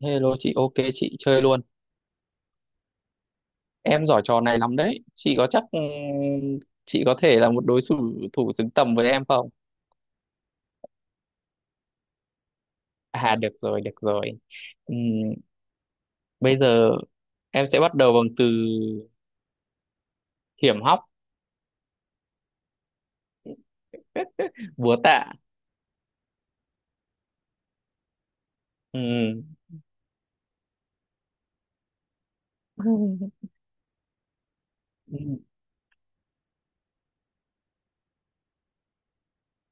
Hello chị, ok chị chơi luôn. Em giỏi trò này lắm đấy. Chị có chắc chị có thể là một đối thủ thủ xứng tầm với em không? À được rồi, được rồi. Ừm, bây giờ em sẽ bắt đầu bằng từ hiểm hóc, búa tạ. Ừm, ừm,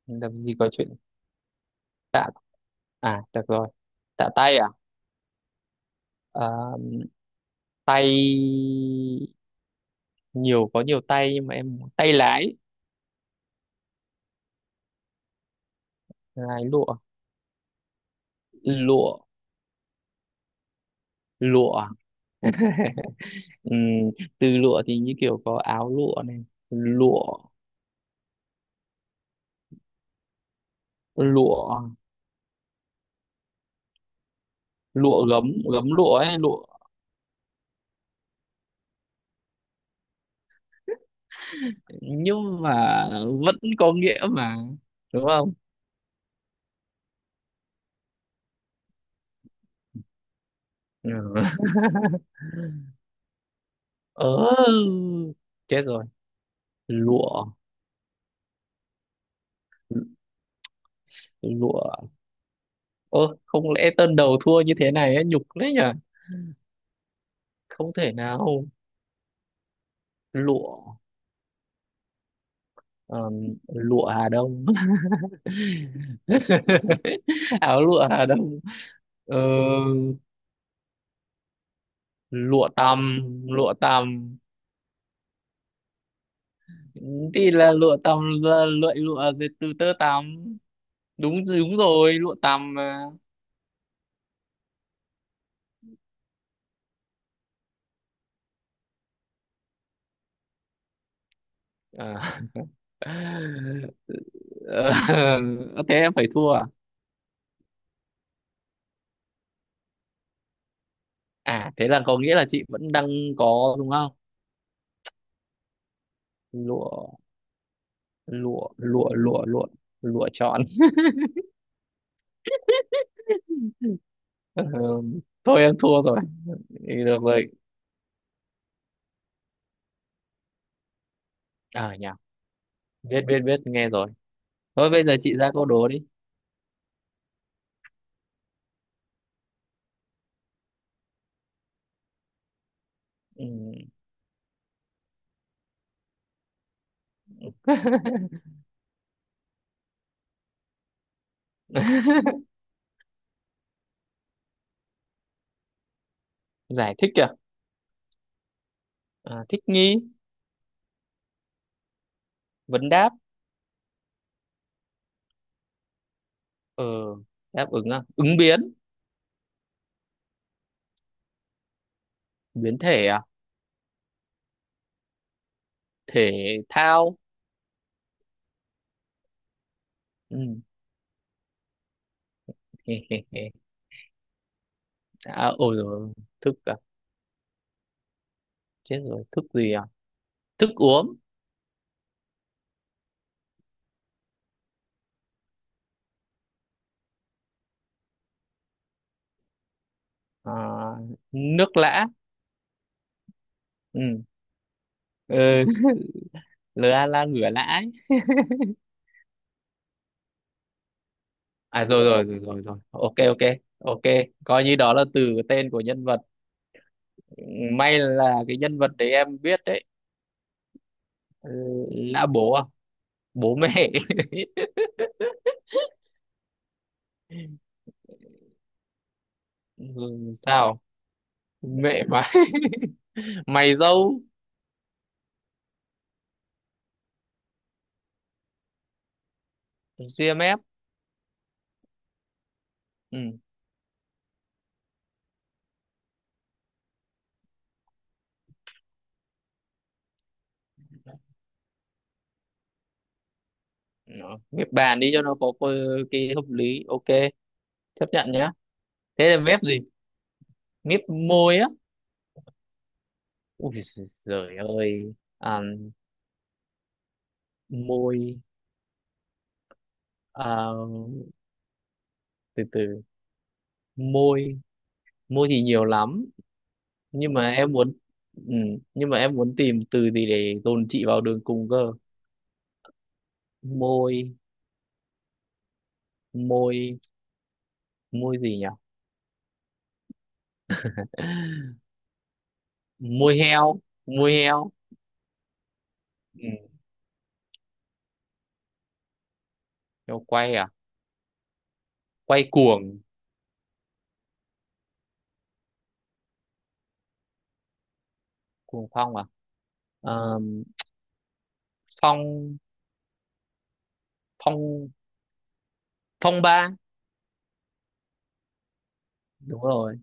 làm gì có chuyện tạ à được rồi, tạ tay à? Ờ, tay nhiều có nhiều tay nhưng mà em tay lái, lái lụa, lụa, lụa. Ừm, từ lụa thì như kiểu có áo lụa này lụa lụa lụa gấm gấm lụa ấy lụa nhưng mà vẫn có nghĩa mà đúng không ừ. ờ chết rồi lụa lụa ơ không lẽ tân đầu thua như thế này ấy, nhục đấy nhở không thể nào lụa ờm, lụa Hà Đông. Áo lụa Hà Đông. Ờ, lụa tằm lụa tằm thì là lụa tằm là lụa lụa dệt từ tơ tằm đúng đúng rồi lụa tằm mà à. Ờ, thế em phải thua à à thế là có nghĩa là chị vẫn đang có đúng không lụa lụa lụa lụa lụa lụa chọn. Ờ, thôi em thua rồi thì được rồi à nhỉ biết biết biết nghe rồi thôi bây giờ chị ra câu đố đi ừ. Giải thích kìa à, thích nghi vấn đáp ờ đáp ứng à ứng biến biến thể à thể thao ừ. À, ôi rồi thức à chết rồi thức gì à thức uống à, nước lã. Ừ. Ừ. Lừa la ngửa lã ấy. À rồi rồi rồi rồi rồi ok ok ok coi như đó là từ tên của nhân vật. Ừ, may là cái nhân vật đấy em biết đấy. Ừ, lã bố à bố mẹ. Ừ, sao mẹ mà mày dâu GMF ừ. Nó ghép bàn đi cho nó có cái hợp lý ok chấp nhận nhá thế là ghép gì ghép môi á ui giời ơi à, môi à, từ từ môi môi thì nhiều lắm nhưng mà em muốn ừ, nhưng mà em muốn tìm từ gì để dồn chị vào đường cùng cơ môi môi môi gì nhỉ. Môi heo môi heo ừ. Heo quay à quay cuồng cuồng phong à. Ờ, phong phong phong ba đúng rồi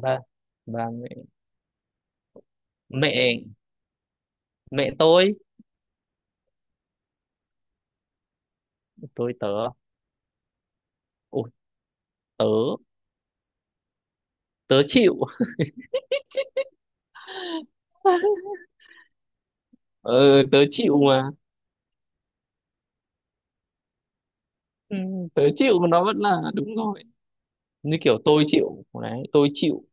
ba ba mẹ mẹ mẹ tôi tớ ủa tớ tớ chịu. Ừ tớ chịu mà ừ, tớ chịu mà nó vẫn là đúng rồi như kiểu tôi chịu đấy tôi chịu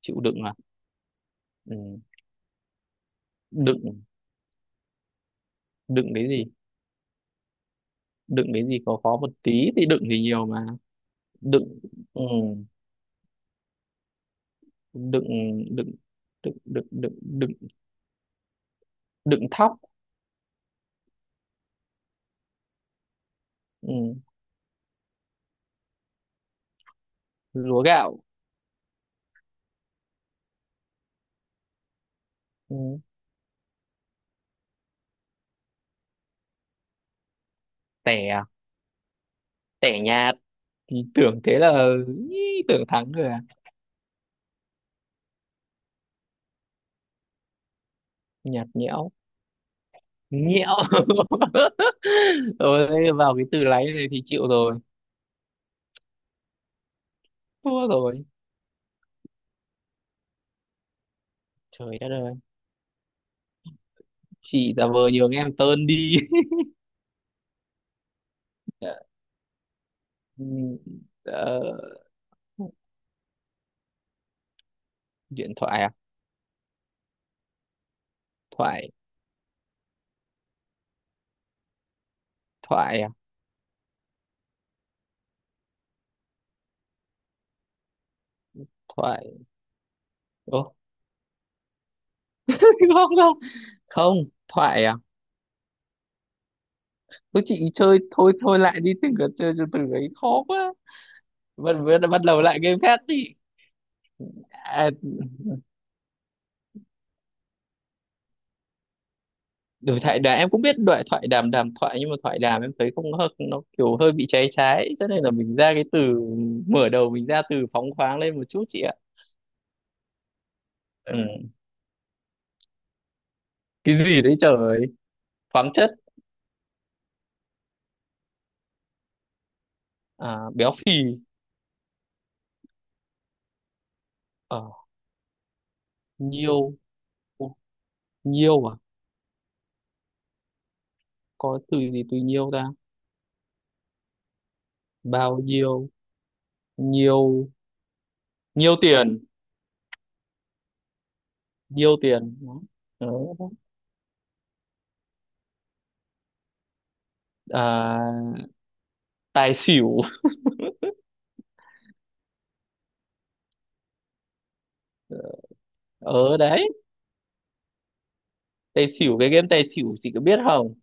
chịu đựng à ừ. Đựng đựng cái gì đựng cái gì có khó một tí thì đựng thì nhiều mà đựng ừ. đựng đựng đựng đựng đựng đựng đựng thóc ừ. Lúa gạo ừ. Tẻ à? Tẻ nhà thì tưởng thế là ý, tưởng thắng rồi à nhạt nhẽo nhẽo. Rồi vào cái từ láy này thì chịu rồi thua rồi trời đất ơi chị giả vờ nhường em tơn đi. Ừ, ờ, điện thoại à thoại thoại à thoại. Ồ, không không không thoại à cứ chị chơi thôi thôi lại đi từng cái chơi cho từ ấy khó quá bắt bắt bắt đầu lại game khác đi à, đối thoại đàm em cũng biết đối thoại đàm đàm thoại nhưng mà thoại đàm em thấy không hợp nó kiểu hơi bị cháy trái cho nên là mình ra cái từ mở đầu mình ra từ phóng khoáng lên một chút chị ạ ừ. Cái gì đấy trời khoáng chất à, béo phì ờ nhiêu. Ô, nhiêu à có từ gì từ nhiêu ta bao nhiêu nhiêu nhiêu tiền nhiêu tiền. Đó. Đó. À, tài xỉu ở đấy tài xỉu cái game tài xỉu chị có biết không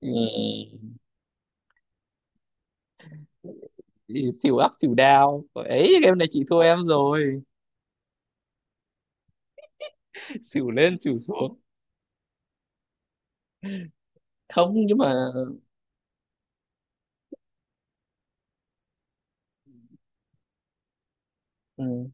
ừ. Chị xỉu up xỉu down ấy game này chị thua em rồi xỉu lên xỉu xuống không nhưng mà ừ.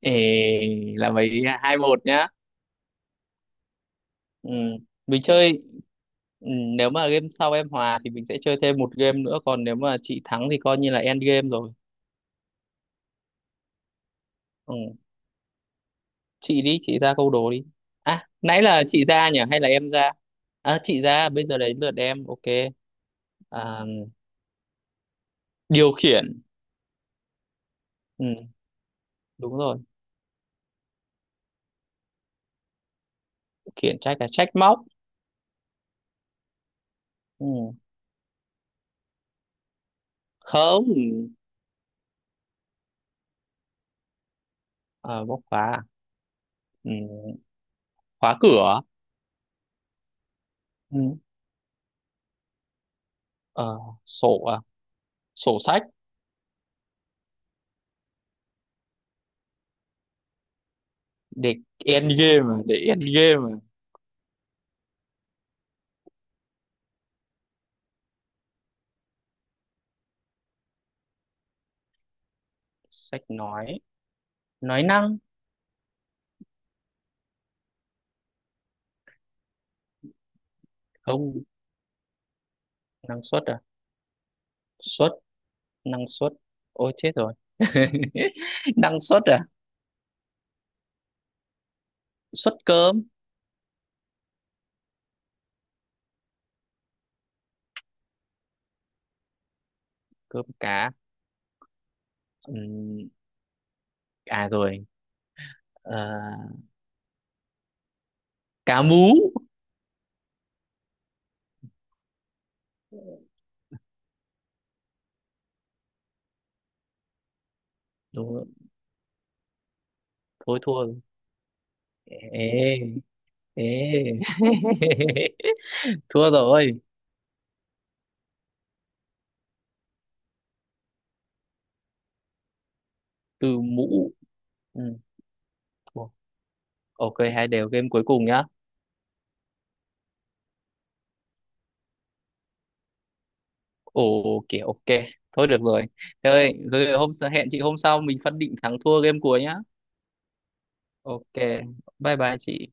Ê, là mấy hai một nhá ừ. Mình chơi ừ. Nếu mà game sau em hòa thì mình sẽ chơi thêm một game nữa còn nếu mà chị thắng thì coi như là end game rồi ừ. Chị đi chị ra câu đố đi à nãy là chị ra nhỉ hay là em ra à chị ra bây giờ đến lượt em ok à, điều khiển ừ. Đúng rồi khiển trách là trách móc ừ. Không. Ờ, bóc khóa à? Ừ, khóa cửa ừ. Ờ, sổ à? Sổ sách để end game à? Sách nói năng không năng suất à suất năng suất ôi chết rồi năng suất à suất cơm cơm cá. Ừm, à rồi. Ờ, cá mú đúng rồi. Thôi thua rồi. Ê, ê. Thua rồi từ mũ ừ, thua ok hai đều game cuối cùng nhá. Ồ kìa ok. Thôi được rồi. Thế ơi, rồi hôm hẹn chị hôm sau mình phân định thắng thua game cuối nhá. Ok bye bye chị.